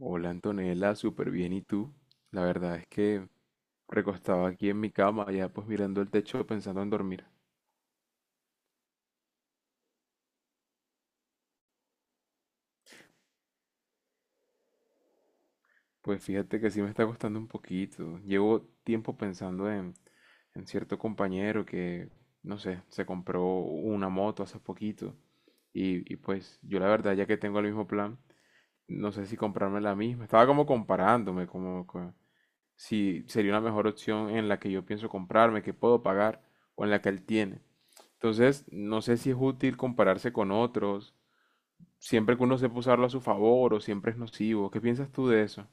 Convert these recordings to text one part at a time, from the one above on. Hola Antonella, súper bien. ¿Y tú? La verdad es que recostaba aquí en mi cama, ya pues mirando el techo pensando en dormir. Pues fíjate que sí me está costando un poquito. Llevo tiempo pensando en cierto compañero que, no sé, se compró una moto hace poquito. Y pues yo la verdad, ya que tengo el mismo plan, no sé si comprarme la misma. Estaba como comparándome, si sería una mejor opción en la que yo pienso comprarme, que puedo pagar, o en la que él tiene. Entonces, no sé si es útil compararse con otros, siempre que uno sepa usarlo a su favor o siempre es nocivo. ¿Qué piensas tú de eso?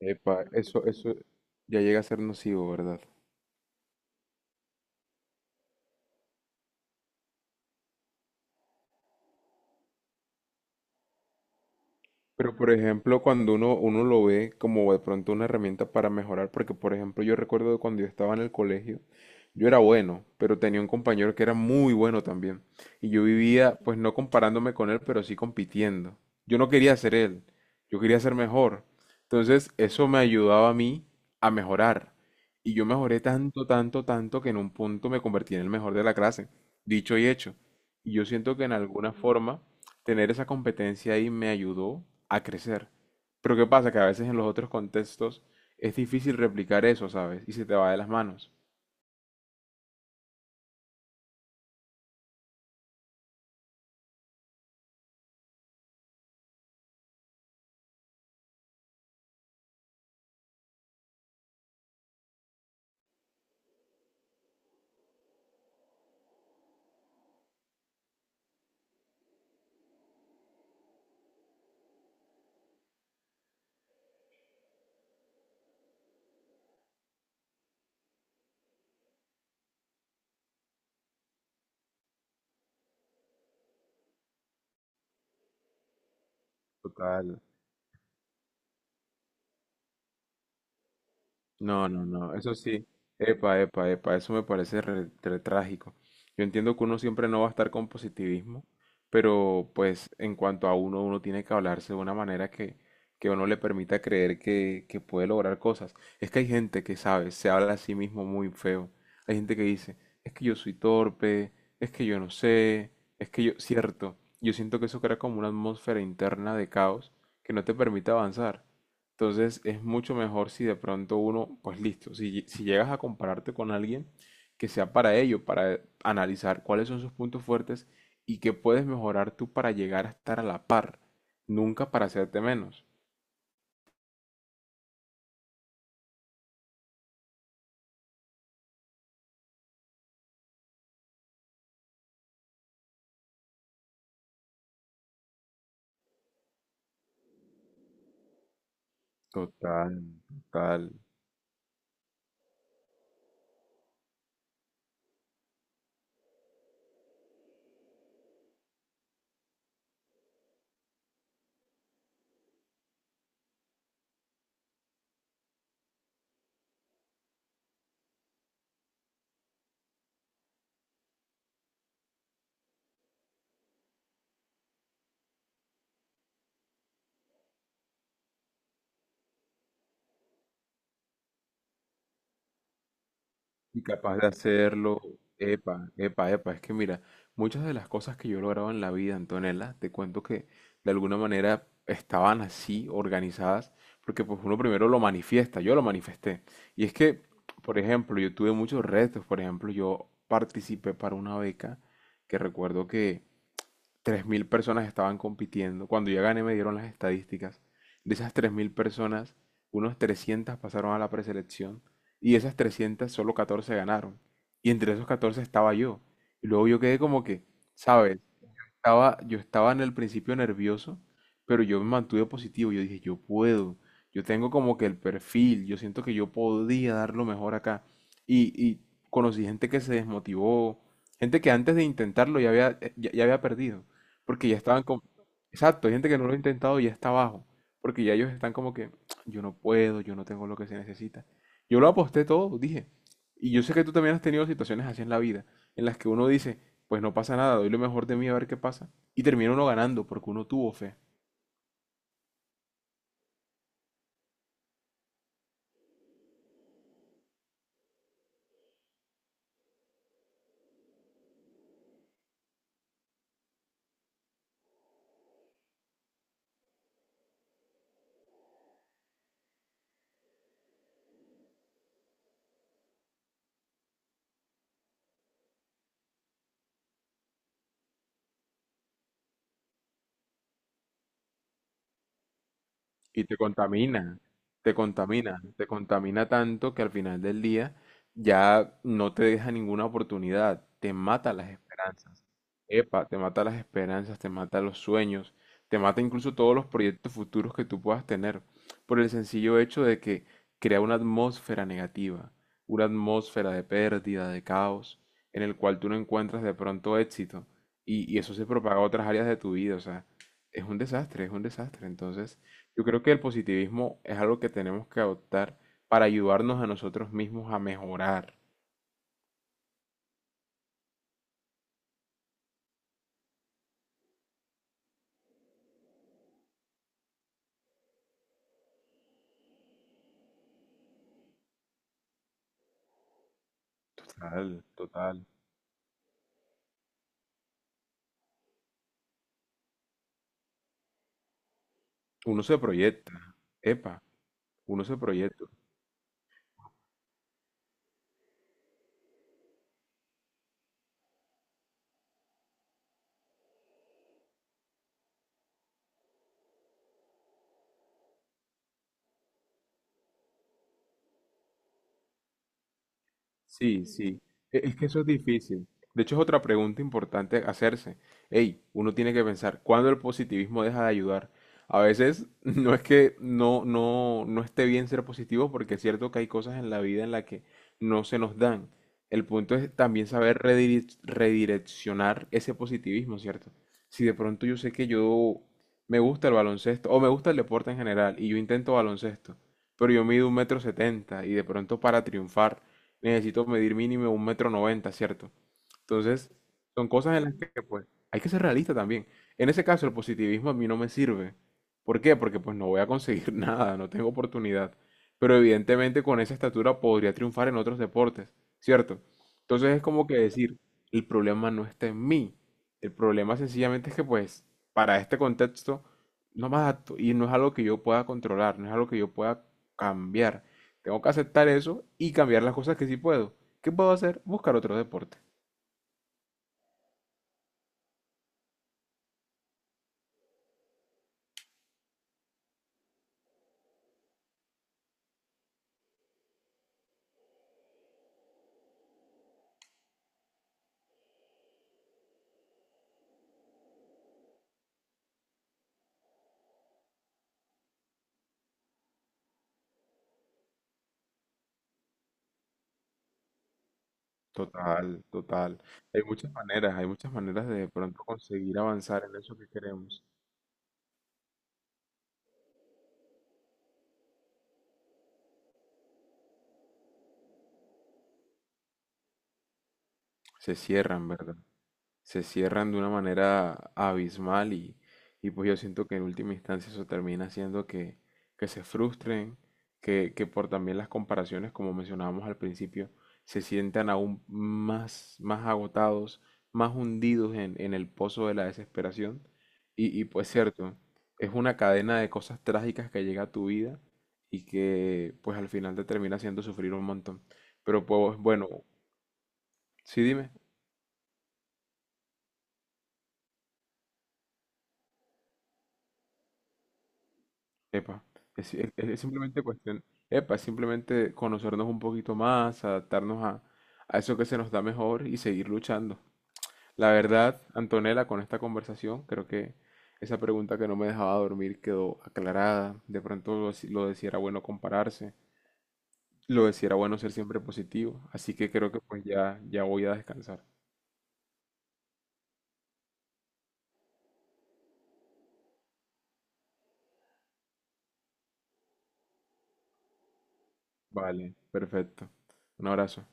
Epa, eso ya llega a ser nocivo, ¿verdad? Pero por ejemplo, cuando uno lo ve como de pronto una herramienta para mejorar, porque por ejemplo yo recuerdo de cuando yo estaba en el colegio, yo era bueno, pero tenía un compañero que era muy bueno también. Y yo vivía, pues no comparándome con él, pero sí compitiendo. Yo no quería ser él, yo quería ser mejor. Entonces eso me ayudaba a mí a mejorar. Y yo mejoré tanto, tanto, tanto que en un punto me convertí en el mejor de la clase. Dicho y hecho. Y yo siento que en alguna forma tener esa competencia ahí me ayudó a crecer. Pero ¿qué pasa? Que a veces en los otros contextos es difícil replicar eso, ¿sabes? Y se te va de las manos. Total. No, no, no, eso sí. Epa, epa, epa, eso me parece re trágico. Yo entiendo que uno siempre no va a estar con positivismo, pero pues en cuanto a uno tiene que hablarse de una manera que uno le permita creer que puede lograr cosas. Es que hay gente que sabe, se habla a sí mismo muy feo. Hay gente que dice, es que yo soy torpe, es que yo no sé, es que yo, cierto, yo siento que eso crea como una atmósfera interna de caos que no te permite avanzar. Entonces es mucho mejor si de pronto uno, pues listo, si llegas a compararte con alguien que sea para ello, para analizar cuáles son sus puntos fuertes y qué puedes mejorar tú para llegar a estar a la par, nunca para hacerte menos. Total, total. Y capaz de hacerlo. Epa, epa, epa. Es que mira, muchas de las cosas que yo he logrado en la vida, Antonella, te cuento que de alguna manera estaban así organizadas, porque pues uno primero lo manifiesta, yo lo manifesté. Y es que, por ejemplo, yo tuve muchos retos, por ejemplo, yo participé para una beca que recuerdo que tres mil personas estaban compitiendo. Cuando yo gané me dieron las estadísticas. De esas 3000 personas, unos 300 pasaron a la preselección y de esas 300 solo 14 ganaron. Y entre esos 14 estaba yo. Y luego yo quedé como que, ¿sabes? Estaba, yo estaba en el principio nervioso, pero yo me mantuve positivo. Yo dije, yo puedo, yo tengo como que el perfil, yo siento que yo podía dar lo mejor acá. Y conocí gente que se desmotivó, gente que antes de intentarlo ya había perdido, porque ya estaban como... Exacto, hay gente que no lo ha intentado y ya está abajo, porque ya ellos están como que, yo no puedo, yo no tengo lo que se necesita. Yo lo aposté todo, dije. Y yo sé que tú también has tenido situaciones así en la vida, en las que uno dice, pues no pasa nada, doy lo mejor de mí a ver qué pasa. Y termina uno ganando porque uno tuvo fe. Y te contamina, te contamina, te contamina tanto que al final del día ya no te deja ninguna oportunidad, te mata las esperanzas. Epa, te mata las esperanzas, te mata los sueños, te mata incluso todos los proyectos futuros que tú puedas tener, por el sencillo hecho de que crea una atmósfera negativa, una atmósfera de pérdida, de caos, en el cual tú no encuentras de pronto éxito. Y eso se propaga a otras áreas de tu vida, o sea, es un desastre, es un desastre. Entonces, yo creo que el positivismo es algo que tenemos que adoptar para ayudarnos a nosotros mismos a mejorar. Total, total. Uno se proyecta, epa, uno se proyecta. Sí, sí. Es que eso es difícil. De hecho, es otra pregunta importante hacerse. Ey, uno tiene que pensar, ¿cuándo el positivismo deja de ayudar? A veces no es que no esté bien ser positivo, porque es cierto que hay cosas en la vida en las que no se nos dan. El punto es también saber redireccionar ese positivismo, ¿cierto? Si de pronto yo sé que yo me gusta el baloncesto, o me gusta el deporte en general, y yo intento baloncesto, pero yo mido 1,70 m, y de pronto para triunfar. Necesito medir mínimo 1,90 m, ¿cierto? Entonces, son cosas en las que pues hay que ser realista también. En ese caso, el positivismo a mí no me sirve. ¿Por qué? Porque pues no voy a conseguir nada, no tengo oportunidad. Pero evidentemente con esa estatura podría triunfar en otros deportes, ¿cierto? Entonces es como que decir, el problema no está en mí. El problema sencillamente es que pues para este contexto no me adapto y no es algo que yo pueda controlar, no es algo que yo pueda cambiar. Tengo que aceptar eso y cambiar las cosas que sí puedo. ¿Qué puedo hacer? Buscar otro deporte. Total, total. Hay muchas maneras de pronto conseguir avanzar en eso que queremos. Se cierran, ¿verdad? Se cierran de una manera abismal y pues yo siento que en última instancia eso termina haciendo que, se frustren, que por también las comparaciones, como mencionábamos al principio, se sientan aún más, más agotados, más hundidos en el pozo de la desesperación. Y pues cierto, es una cadena de cosas trágicas que llega a tu vida y que pues al final te termina haciendo sufrir un montón. Pero pues bueno, sí dime. Epa, es simplemente cuestión, epa, es simplemente conocernos un poquito más, adaptarnos a eso que se nos da mejor y seguir luchando. La verdad, Antonella, con esta conversación, creo que esa pregunta que no me dejaba dormir quedó aclarada. De pronto lo de si era bueno compararse, lo decía era bueno ser siempre positivo. Así que creo que pues ya voy a descansar. Vale, perfecto. Un abrazo.